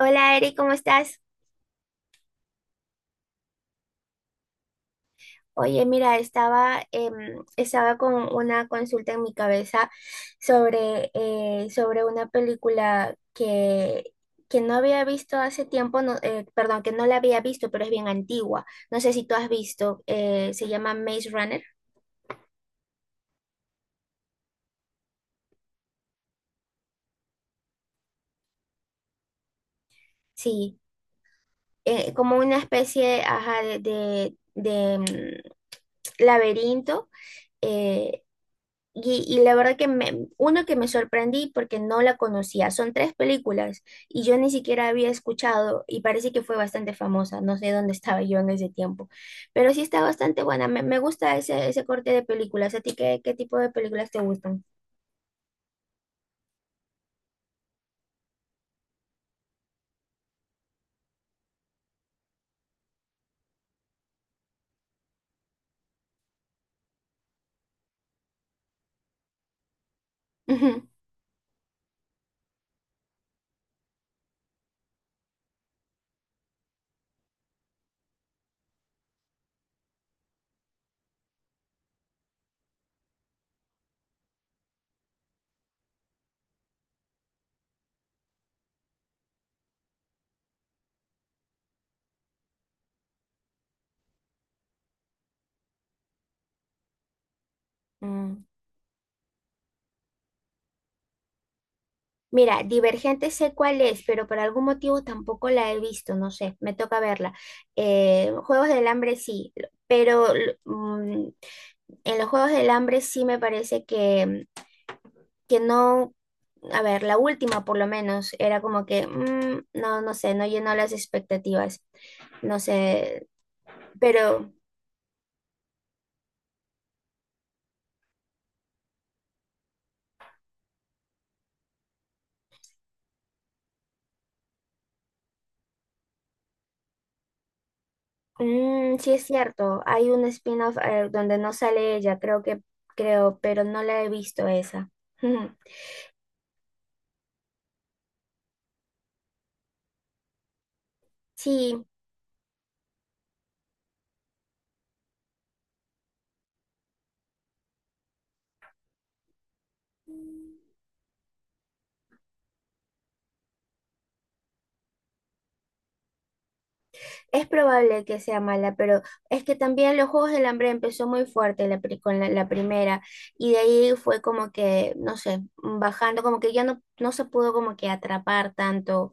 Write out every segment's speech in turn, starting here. Hola Eri, ¿cómo estás? Oye, mira, estaba, estaba con una consulta en mi cabeza sobre, sobre una película que no había visto hace tiempo, no, perdón, que no la había visto, pero es bien antigua. No sé si tú has visto, se llama Maze Runner. Sí, como una especie, ajá, de laberinto. eh, y la verdad que uno que me sorprendí porque no la conocía, son tres películas y yo ni siquiera había escuchado y parece que fue bastante famosa, no sé dónde estaba yo en ese tiempo, pero sí está bastante buena, me gusta ese, ese corte de películas. ¿A ti qué, qué tipo de películas te gustan? Ujú. Mm. Mira, Divergente sé cuál es, pero por algún motivo tampoco la he visto, no sé, me toca verla. Juegos del Hambre sí, pero mm, en los Juegos del Hambre sí me parece que no, a ver, la última por lo menos, era como que, no, no sé, no llenó las expectativas, no sé, pero sí es cierto, hay un spin-off donde no sale ella, creo que, creo, pero no la he visto esa. Sí, es probable que sea mala, pero es que también los Juegos del Hambre empezó muy fuerte la con la, la primera y de ahí fue como que, no sé, bajando, como que ya no, no se pudo como que atrapar tanto,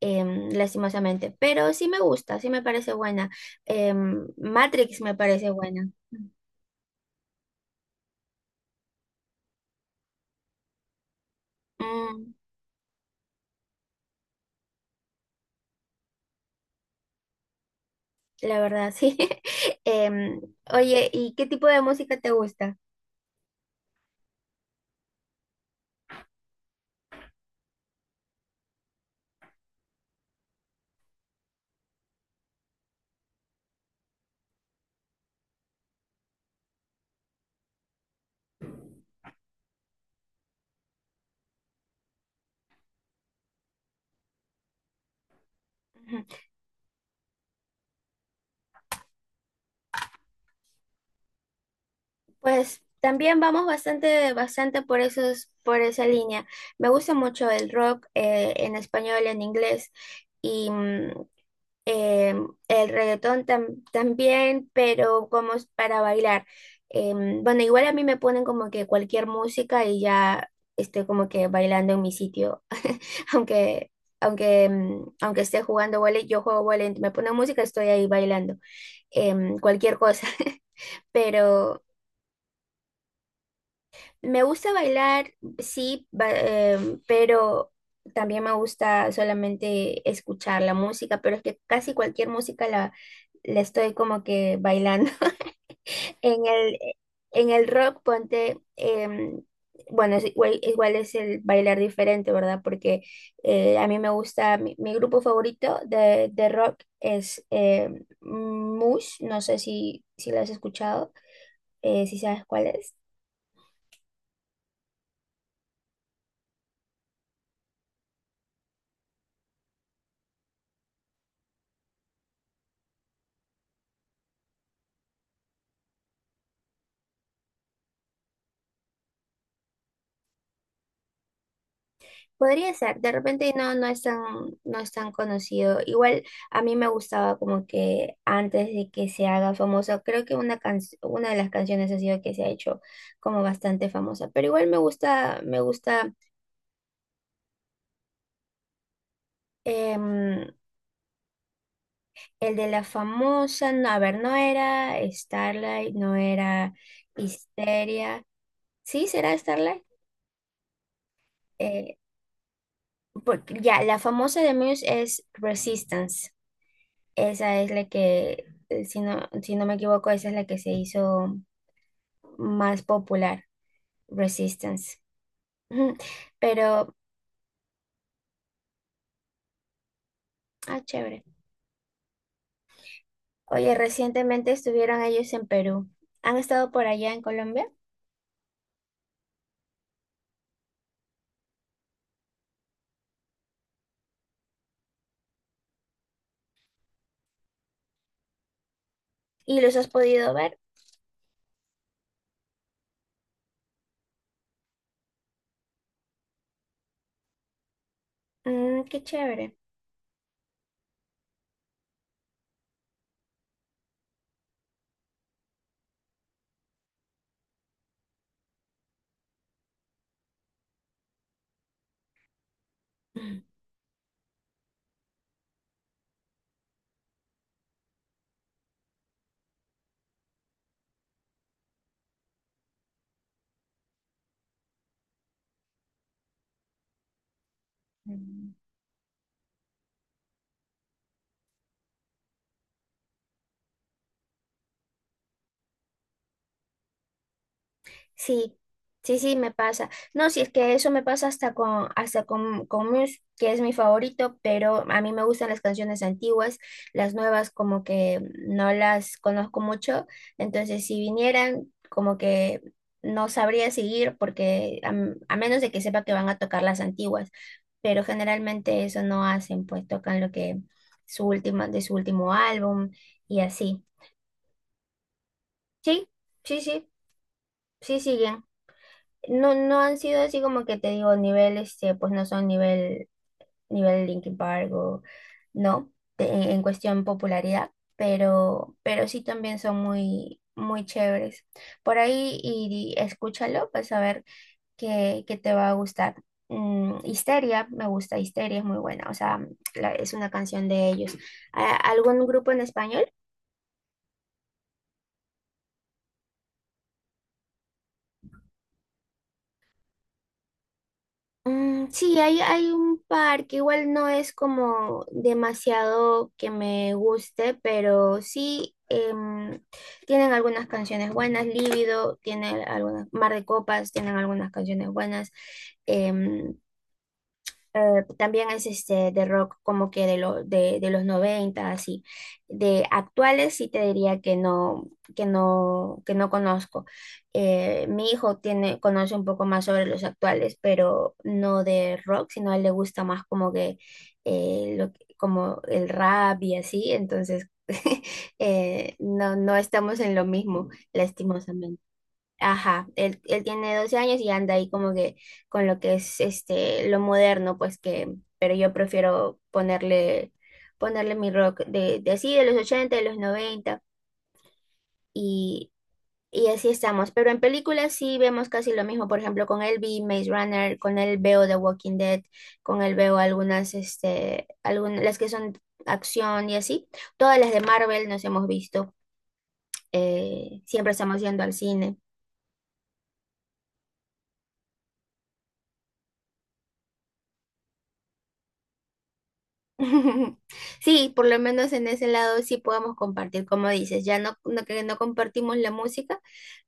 lastimosamente, pero sí me gusta, sí me parece buena. Matrix me parece buena. Mm, la verdad, sí. Em, oye, ¿y qué tipo de música te gusta? Pues también vamos bastante, bastante por esos, por esa línea. Me gusta mucho el rock, en español, en inglés y eh, el reggaetón también, pero como es para bailar. Bueno, igual a mí me ponen como que cualquier música y ya estoy como que bailando en mi sitio, aunque Aunque aunque esté jugando vóley, yo juego vóley, me ponen música, estoy ahí bailando, cualquier cosa. Pero Me gusta bailar, sí, pero también me gusta solamente escuchar la música, pero es que casi cualquier música la, la estoy como que bailando. En el, en el rock, ponte, bueno, es igual, igual es el bailar diferente, ¿verdad? Porque a mí me gusta, mi grupo favorito de rock es Mush, no sé si, si lo has escuchado, si sabes cuál es. Podría ser, de repente no, no es tan, no es tan conocido. Igual a mí me gustaba como que antes de que se haga famoso, creo que una una de las canciones ha sido que se ha hecho como bastante famosa. Pero igual me gusta, me gusta, em, el de la famosa, no, a ver, no era Starlight, no era Histeria. ¿Sí será Starlight? Eh, ya, la famosa de Muse es Resistance. Esa es la que, si no, si no me equivoco, esa es la que se hizo más popular, Resistance. Ujú. Pero, ah, chévere. Oye, recientemente estuvieron ellos en Perú. ¿Han estado por allá en Colombia? ¿Y los has podido ver? Mm, qué chévere. Ujú. Sí, sí, sí, me pasa. No, si es que eso me pasa hasta con Muse, que es mi favorito, pero a mí me gustan las canciones antiguas, las nuevas como que no las conozco mucho, entonces si vinieran como que no sabría seguir porque a menos de que sepa que van a tocar las antiguas, pero generalmente eso no hacen, pues tocan lo que de su último álbum y así. Sí, sí, sí, sí, sí, siguen. No, no han sido así como que te digo, nivel, este, pues no son nivel, nivel Linkin Park o no, en cuestión popularidad, pero sí también son muy, muy chéveres. Por ahí y escúchalo, pues a ver qué, qué te va a gustar. Mm, Histeria, me gusta, Histeria es muy buena, o sea, es una canción de ellos. ¿Algún grupo en español? Mm, sí, hay un par que igual no es como demasiado que me guste, pero sí, tienen algunas canciones buenas, Líbido, tiene algunas, Mar de Copas, tienen algunas canciones buenas. em, también es este de rock como que de los 90 así. De actuales sí te diría que no, que no, que no conozco. Mi hijo tiene, conoce un poco más sobre los actuales, pero no de rock, sino a él le gusta más como que como el rap y así, entonces no, no estamos en lo mismo, lastimosamente. Ajá, él tiene 12 años y anda ahí como que con lo que es este lo moderno, pues que, pero yo prefiero ponerle, ponerle mi rock de así, de los 80 de los 90 y, y así estamos. Pero en películas sí vemos casi lo mismo, por ejemplo, con él vi Maze Runner, con él veo The Walking Dead, con él veo algunas, este, algunas, las que son acción y así. Todas las de Marvel nos hemos visto, siempre estamos yendo al cine. Sí, por lo menos en ese lado sí podemos compartir, como dices, ya no, no que no compartimos la música,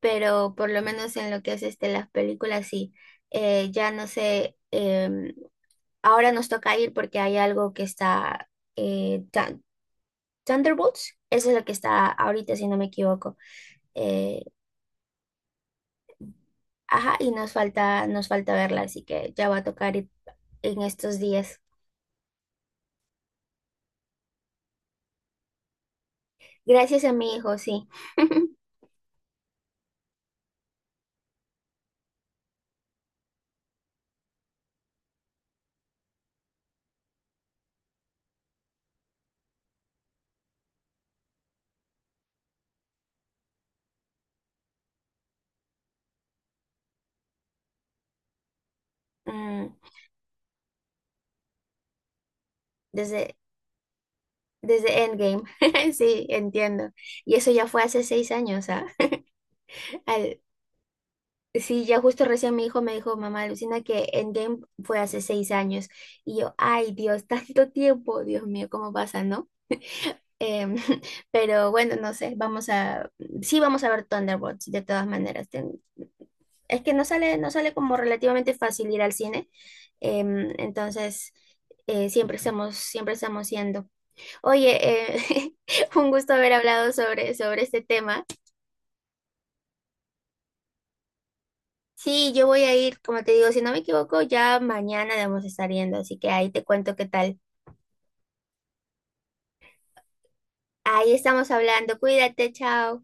pero por lo menos en lo que es este, las películas sí. Ya no sé, ahora nos toca ir porque hay algo que está, eh, Thun- Thunderbolts, eso es lo que está ahorita, si no me equivoco. Eh, ajá, y nos falta verla, así que ya va a tocar ir en estos días. Gracias a mi hijo, sí. Mm, desde Desde Endgame, sí, entiendo. Y eso ya fue hace 6 años, ¿ah? Al- sí, ya justo recién mi hijo me dijo, mamá, alucina que Endgame fue hace 6 años. Y yo, ay, Dios, tanto tiempo, Dios mío, ¿cómo pasa, no? Em, pero bueno, no sé, sí vamos a ver Thunderbolts, de todas maneras. Es que no sale, no sale como relativamente fácil ir al cine. Entonces, siempre estamos yendo. Oye, un gusto haber hablado sobre, sobre este tema. Sí, yo voy a ir, como te digo, si no me equivoco, ya mañana debemos estar yendo, así que ahí te cuento qué tal. Ahí estamos hablando, cuídate, chao.